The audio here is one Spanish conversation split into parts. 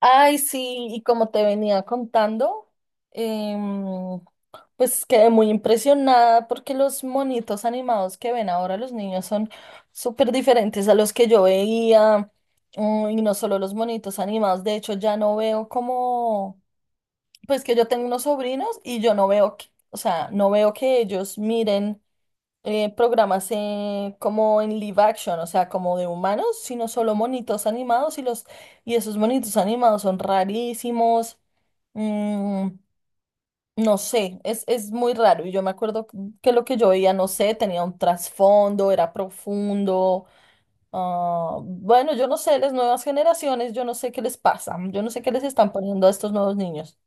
Ay, sí, y como te venía contando, em, pues quedé muy impresionada porque los monitos animados que ven ahora los niños son súper diferentes a los que yo veía. Y no solo los monitos animados, de hecho ya no veo como, pues que yo tengo unos sobrinos y yo no veo que, o sea, no veo que ellos miren programas como en live action, o sea, como de humanos, sino solo monitos animados y los esos monitos animados son rarísimos. Mm, no sé, es muy raro. Y yo me acuerdo que lo que yo veía, no sé, tenía un trasfondo, era profundo. Ah, bueno, yo no sé, las nuevas generaciones, yo no sé qué les pasa, yo no sé qué les están poniendo a estos nuevos niños.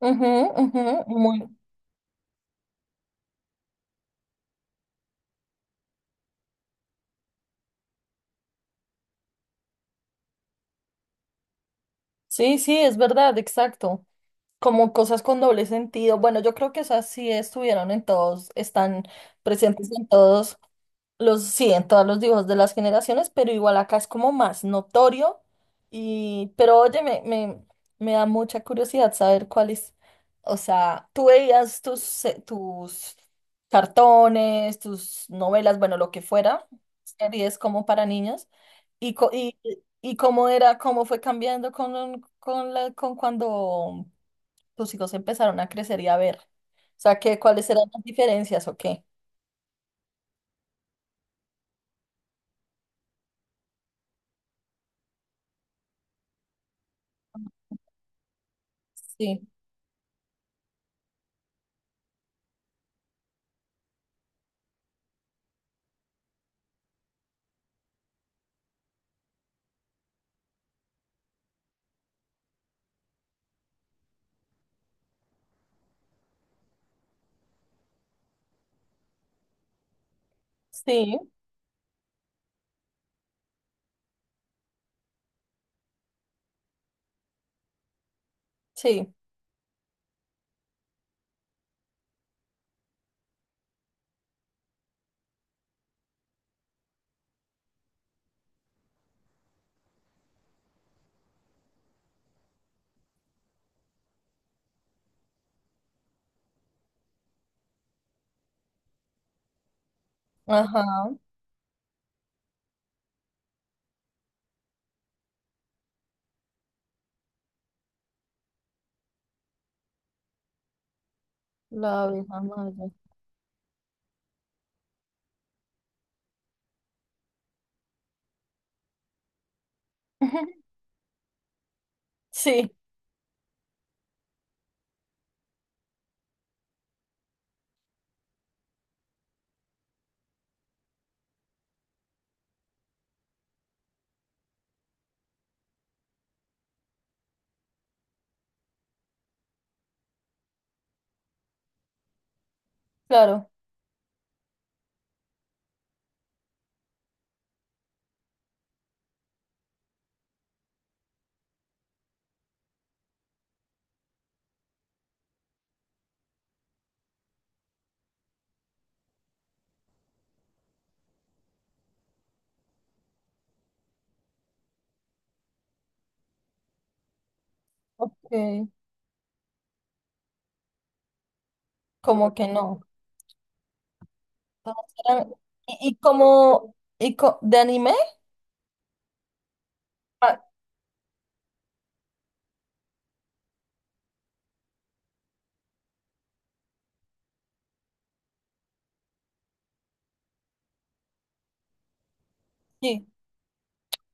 Ujú, ujú, muy. Sí, sí, es verdad, exacto. Como cosas con doble sentido. Bueno, yo creo que esas sí estuvieron en todos, están presentes en todos sí, en todos los dibujos de las generaciones, pero igual acá es como más notorio. Y, pero oye, me da mucha curiosidad saber cuáles, o sea, tú veías tus, tus cartones, tus novelas, bueno, lo que fuera, series como para niños, y, co- y, y cómo era, cómo fue cambiando con cuando tus hijos empezaron a crecer y a ver. O sea, ¿qué, cuáles eran las diferencias o qué? Sí, sí, sí. Ajá, la abeja maya. Sí, claro. Ok, como que no. Todas eran- y como de anime? Ah, sí.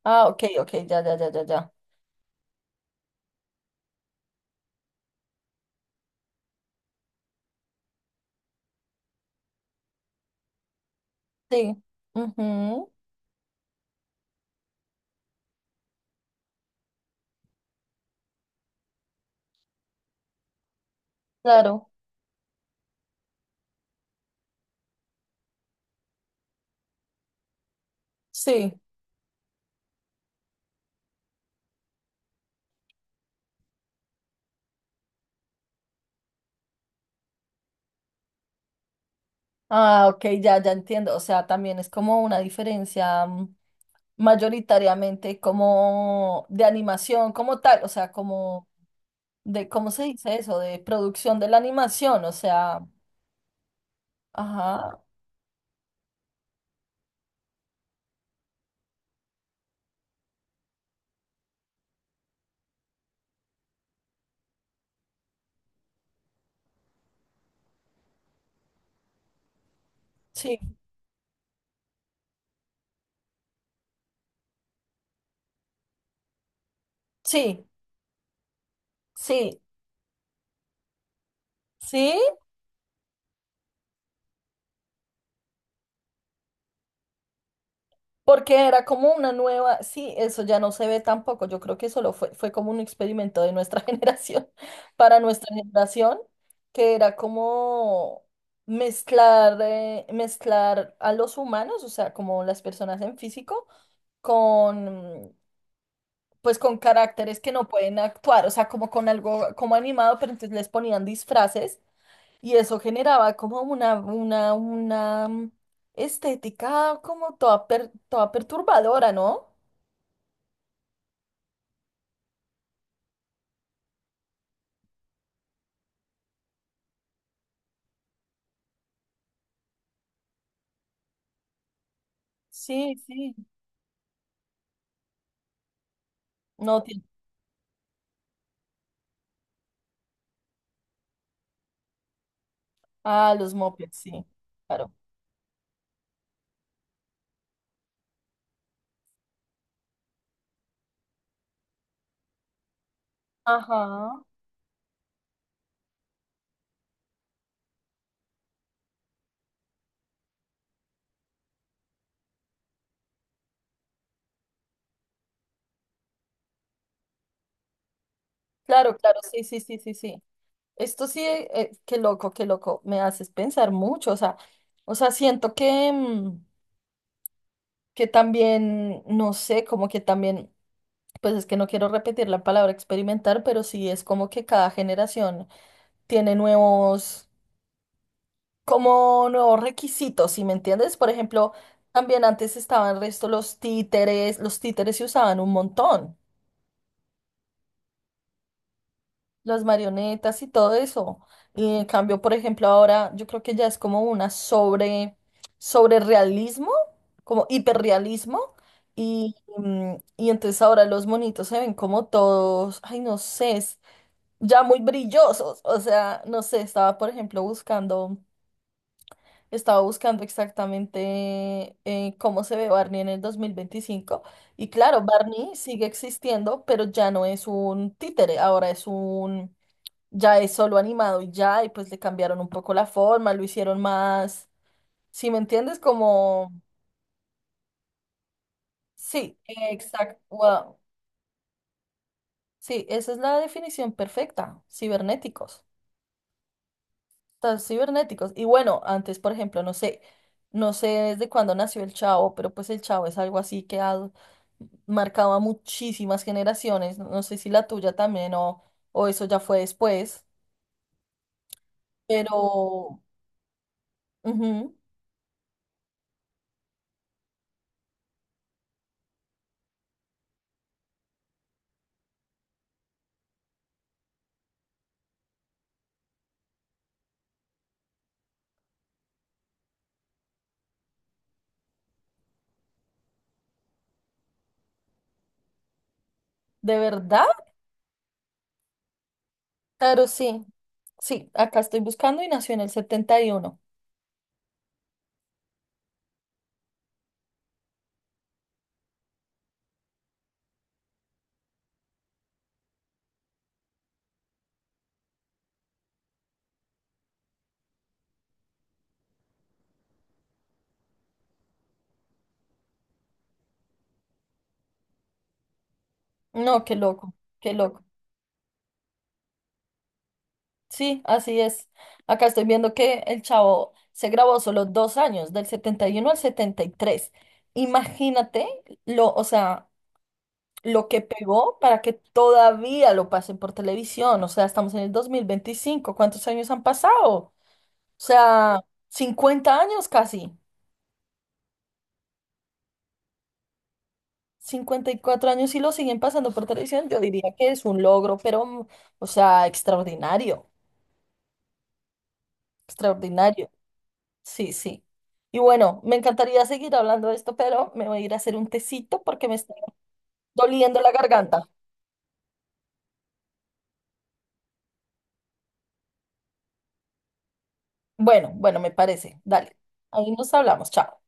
Ah, ok, ok, ya, ya, ya, ya, ya. Sí, ujú. Claro. Sí. Ah, ok, ya, ya entiendo. O sea, también es como una diferencia. Mayoritariamente como de animación, como tal, o sea, como de, ¿cómo se dice eso? De producción de la animación, o sea, ajá, sí, sí, sí, sí, porque era como una nueva, sí, eso ya no se ve tampoco, yo creo que solo fue como un experimento de nuestra generación, para nuestra generación, que era como... Mezclar, mezclar a los humanos, o sea, como las personas en físico, con, pues con caracteres que no pueden actuar, o sea, como con algo como animado, pero entonces les ponían disfraces y eso generaba como una estética como toda perturbadora, ¿no? Sí, sí. No tiene... Ah, los mopeds, sí, claro. Ajá. Claro, claro, sí, sí, sí, sí, sí. Esto sí, qué loco, me haces pensar mucho, o sea, siento que, que también, no sé, como que también... Pues es que no quiero repetir la palabra experimentar, pero sí es como que cada generación tiene como nuevos requisitos, ¿sí me entiendes? Por ejemplo, también antes estaban resto los títeres se usaban un montón, las marionetas y todo eso. Y en cambio, por ejemplo, ahora yo creo que ya es como una sobre realismo, como hiperrealismo. Y, y entonces ahora los monitos se ven como todos, ay, no sé, ya muy brillosos. O sea, no sé, estaba por ejemplo estaba buscando exactamente cómo se ve Barney en el 2025. Y claro, Barney sigue existiendo, pero ya no es un títere, ahora es un, ya es solo animado y ya, y pues le cambiaron un poco la forma, lo hicieron más, ¿si me entiendes? Como, sí, exacto, wow. Sí, esa es la definición perfecta, cibernéticos. Tan cibernéticos. Y bueno, antes, por ejemplo, no sé, no sé desde cuándo nació el Chavo, pero pues el Chavo es algo así que ha marcado a muchísimas generaciones. No sé si la tuya también o eso ya fue después, pero ujú. ¿De verdad? Claro, sí. Sí, acá estoy buscando y nació en el 71. No, qué loco, qué loco. Sí, así es. Acá estoy viendo que el Chavo se grabó solo dos años, del 71 al 73. Imagínate lo, o sea, lo que pegó para que todavía lo pasen por televisión. O sea, estamos en el 2025. ¿Cuántos años han pasado? O sea, 50 años casi. 54 años y lo siguen pasando por televisión. Yo diría que es un logro, pero, mm, o sea, extraordinario. Extraordinario. Sí, sí. Y bueno, me encantaría seguir hablando de esto, pero me voy a ir a hacer un tecito porque me está doliendo la garganta. Bueno, bueno, me parece. Dale. Ahí nos hablamos. Chao.